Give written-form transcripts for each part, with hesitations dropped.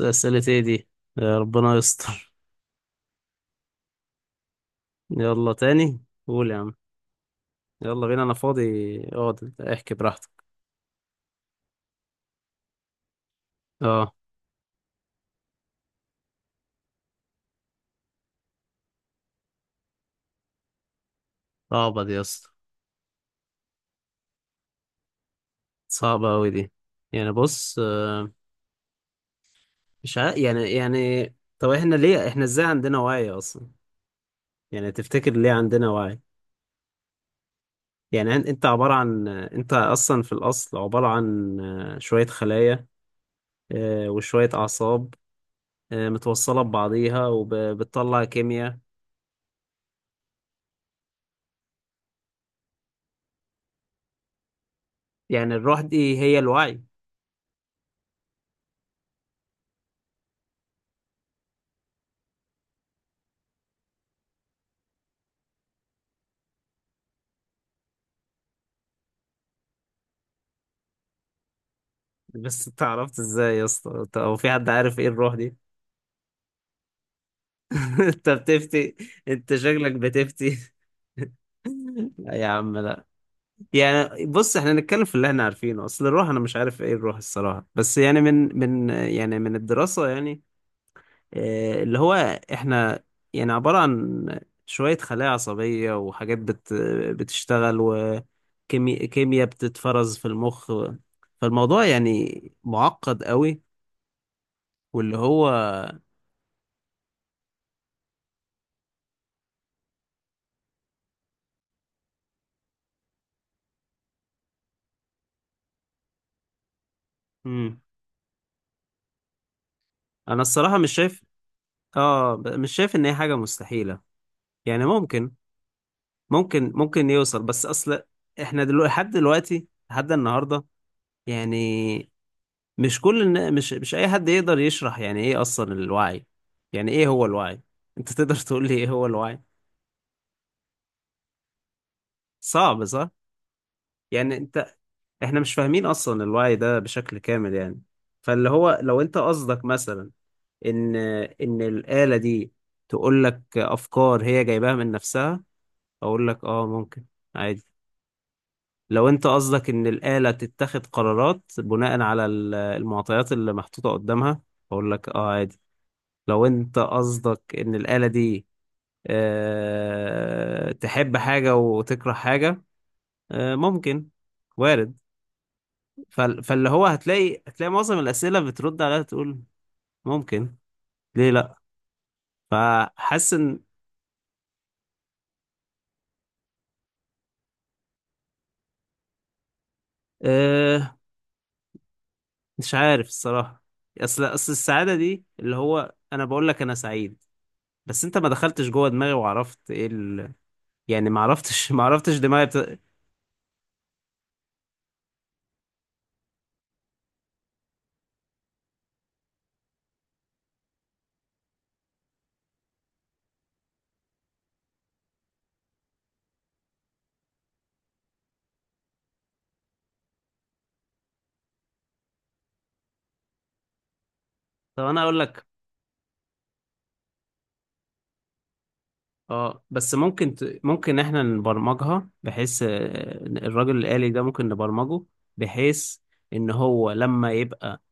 أسئلة ايه دي؟ يا ربنا يستر. يلا تاني، قول يا عم. يلا بينا، انا فاضي اقعد، انت احكي براحتك. اه، صعبة دي يا اسطى. صعبة اوي دي. بص، مش عارف، يعني. طب احنا ليه، احنا ازاي عندنا وعي اصلا؟ يعني تفتكر ليه عندنا وعي؟ يعني انت عبارة عن انت اصلا في الاصل عبارة عن شوية خلايا، وشوية اعصاب، متوصلة ببعضيها وبتطلع كيمياء. يعني الروح دي هي الوعي؟ بس انت عرفت ازاي يا اسطى؟ هو في حد عارف ايه الروح دي؟ انت بتفتي، انت شكلك بتفتي. لا يا عم، لا. يعني بص، احنا نتكلم في اللي احنا عارفينه. اصل الروح انا مش عارف ايه الروح الصراحة، بس يعني من يعني من الدراسة يعني، اه، اللي هو احنا يعني عبارة عن شوية خلايا عصبية وحاجات بتشتغل، وكيمياء بتتفرز في المخ. فالموضوع يعني معقد قوي. واللي هو، مم. انا الصراحة مش شايف. اه، مش شايف ان هي حاجة مستحيلة. يعني ممكن، ممكن يوصل، بس اصل احنا دلوقتي، لحد دلوقتي لحد النهاردة، يعني مش مش اي حد يقدر يشرح يعني ايه اصلا الوعي. يعني ايه هو الوعي؟ انت تقدر تقول لي ايه هو الوعي؟ صعب صح. يعني انت، احنا مش فاهمين اصلا الوعي ده بشكل كامل يعني. فاللي هو لو انت قصدك مثلا ان الآلة دي تقول لك افكار هي جايباها من نفسها، اقول لك اه ممكن، عادي. لو انت قصدك ان الآلة تتخذ قرارات بناء على المعطيات اللي محطوطة قدامها، اقول لك اه عادي. لو انت قصدك ان الآلة دي أه تحب حاجة وتكره حاجة، أه ممكن، وارد. فاللي هو هتلاقي، معظم الأسئلة بترد عليها تقول ممكن، ليه لا. فحاسس ان أه، مش عارف الصراحة. اصل السعادة دي، اللي هو انا بقول لك انا سعيد، بس انت ما دخلتش جوه دماغي وعرفت ايه ال... يعني ما عرفتش ما عرفتش دماغي بت... طب انا اقول لك، اه بس ممكن ت... ممكن احنا نبرمجها بحيث الراجل الآلي ده ممكن نبرمجه بحيث ان هو لما يبقى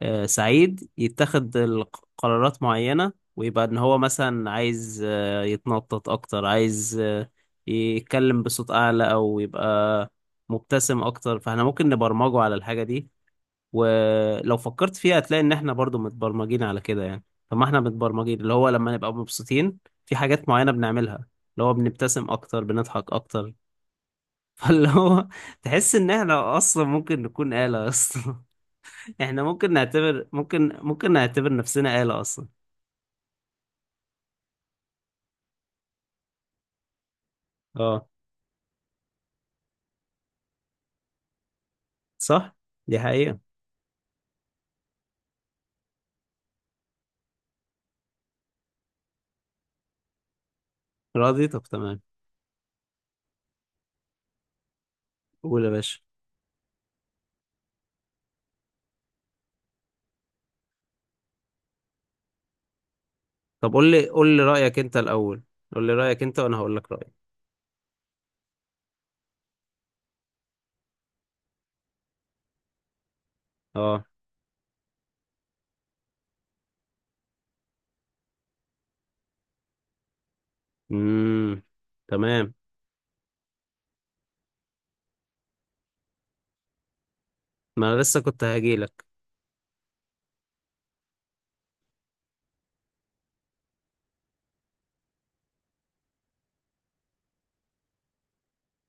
سعيد يتخذ قرارات معينة، ويبقى ان هو مثلا عايز يتنطط اكتر، عايز يتكلم بصوت اعلى، او يبقى مبتسم اكتر. فاحنا ممكن نبرمجه على الحاجة دي. ولو فكرت فيها هتلاقي ان احنا برضو متبرمجين على كده يعني. فما احنا متبرمجين اللي هو لما نبقى مبسوطين في حاجات معينة بنعملها، اللي هو بنبتسم اكتر، بنضحك اكتر. فاللي هو تحس ان احنا اصلا ممكن نكون آلة اصلا. احنا ممكن نعتبر، ممكن نعتبر نفسنا آلة اصلا. اه صح. دي حقيقة. راضي، طب تمام. قول يا باشا. طب قول لي، رأيك انت الاول. قول لي رأيك انت وانا هقول لك رأيي. اه. امم، تمام. ما انا لسه كنت هجيلك.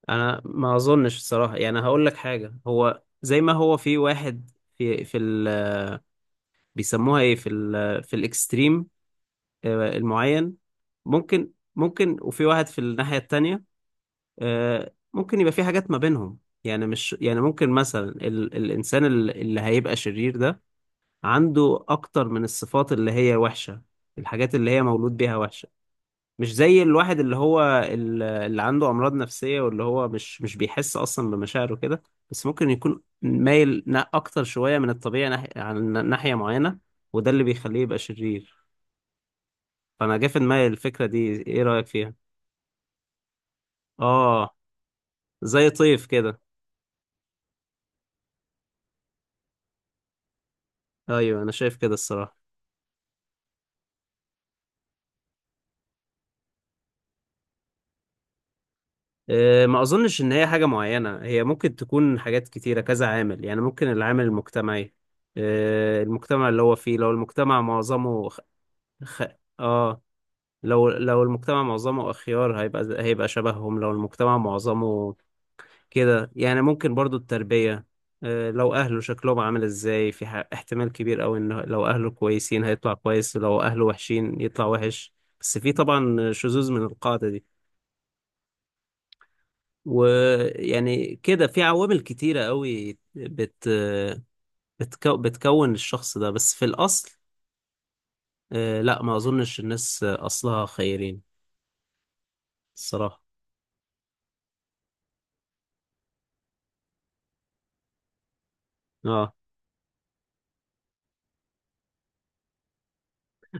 انا ما اظنش الصراحه، يعني هقول لك حاجه، هو زي ما هو في واحد في ال، بيسموها ايه، في في الاكستريم، المعين، ممكن، ممكن. وفي واحد في الناحيه التانية، ممكن يبقى في حاجات ما بينهم. يعني مش يعني، ممكن مثلا الانسان اللي هيبقى شرير ده عنده اكتر من الصفات اللي هي وحشه، الحاجات اللي هي مولود بيها وحشه. مش زي الواحد اللي هو اللي عنده أمراض نفسية، واللي هو مش بيحس أصلا بمشاعره كده، بس ممكن يكون مايل أكتر شوية من الطبيعي ناحية عن ناحية معينة، وده اللي بيخليه يبقى شرير. فأنا جه في دماغي الفكرة دي. إيه رأيك فيها؟ آه، زي طيف كده. أيوه أنا شايف كده الصراحة. ما أظنش إن هي حاجة معينة، هي ممكن تكون حاجات كتيرة، كذا عامل يعني. ممكن العامل المجتمعي، المجتمع اللي هو فيه، لو المجتمع معظمه خ... خ... آه، لو المجتمع معظمه أخيار هيبقى، هيبقى شبههم. لو المجتمع معظمه كده يعني. ممكن برضو التربية، لو أهله شكلهم عامل إزاي، في احتمال كبير أوي إن لو أهله كويسين هيطلع كويس، لو أهله وحشين يطلع وحش. بس في طبعا شذوذ من القاعدة دي. ويعني كده في عوامل كتيرة أوي بت بتكو بتكون الشخص ده. بس في الأصل، لا ما أظنش الناس أصلها خيرين الصراحة. اه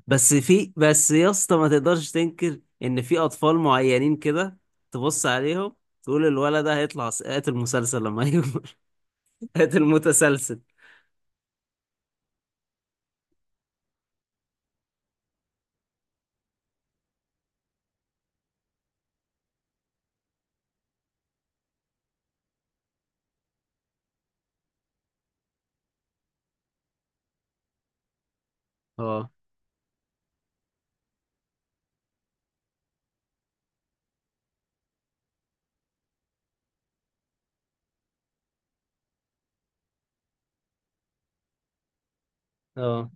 بس في، بس يا اسطى ما تقدرش تنكر ان في اطفال معينين كده تبص عليهم تقول الولد ده هيطلع قاتل مسلسل لما يكبر. قاتل متسلسل. اه، اه.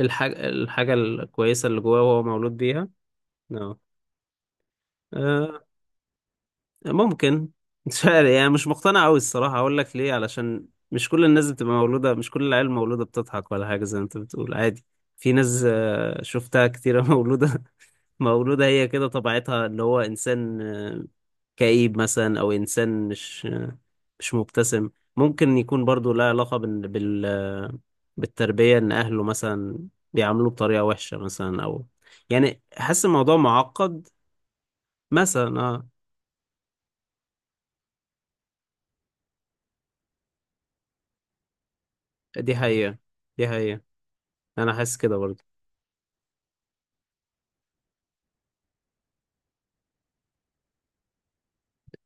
الحاجة، الحاجة الكويسة اللي جواه وهو مولود بيها. اه. آه، ممكن. مش عارف يعني، مش مقتنع قوي الصراحة. اقول لك ليه، علشان مش كل الناس بتبقى مولودة، مش كل العيال مولودة بتضحك ولا حاجة زي ما انت بتقول عادي. في ناس شفتها كتيرة مولودة، مولودة هي كده طبيعتها، اللي هو إنسان كئيب مثلا، او انسان مش، مش مبتسم. ممكن يكون برضو لها علاقة بال... بال... بالتربية، ان اهله مثلا بيعاملوه بطريقة وحشة مثلا، او يعني حاسس الموضوع معقد. مثلا اه. دي حقيقة، دي حقيقة. انا حاسس كده برضو.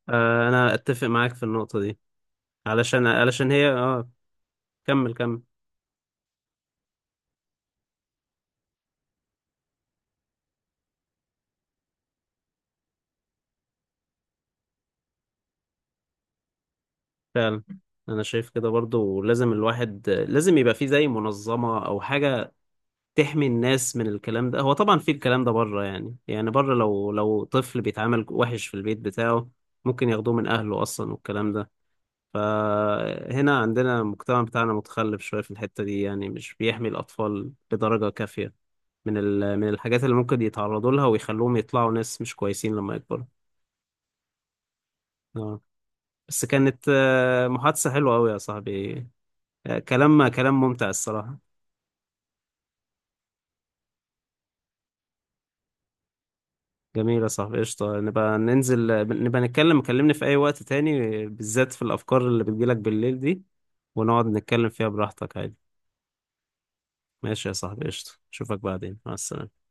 آه انا اتفق معاك في النقطة دي. علشان، علشان هي اه، كمل كمل. فعلا، انا شايف كده برضو. لازم الواحد، لازم يبقى فيه زي منظمة او حاجة تحمي الناس من الكلام ده. هو طبعا في الكلام ده بره يعني، يعني بره، لو لو طفل بيتعامل وحش في البيت بتاعه ممكن ياخدوه من اهله اصلا، والكلام ده. فهنا عندنا المجتمع بتاعنا متخلف شوية في الحتة دي، يعني مش بيحمي الاطفال بدرجة كافية من ال... من الحاجات اللي ممكن يتعرضوا لها ويخلوهم يطلعوا ناس مش كويسين لما يكبروا. اه. بس كانت محادثة حلوة قوي يا صاحبي. كلام، كلام ممتع الصراحة. جميلة، صح، قشطة نبقى ننزل. نبقى نتكلم، كلمني في أي وقت تاني، بالذات في الأفكار اللي بتجيلك بالليل دي، ونقعد نتكلم فيها براحتك عادي. ماشي يا صاحبي، قشطة، أشوفك بعدين، مع السلامة.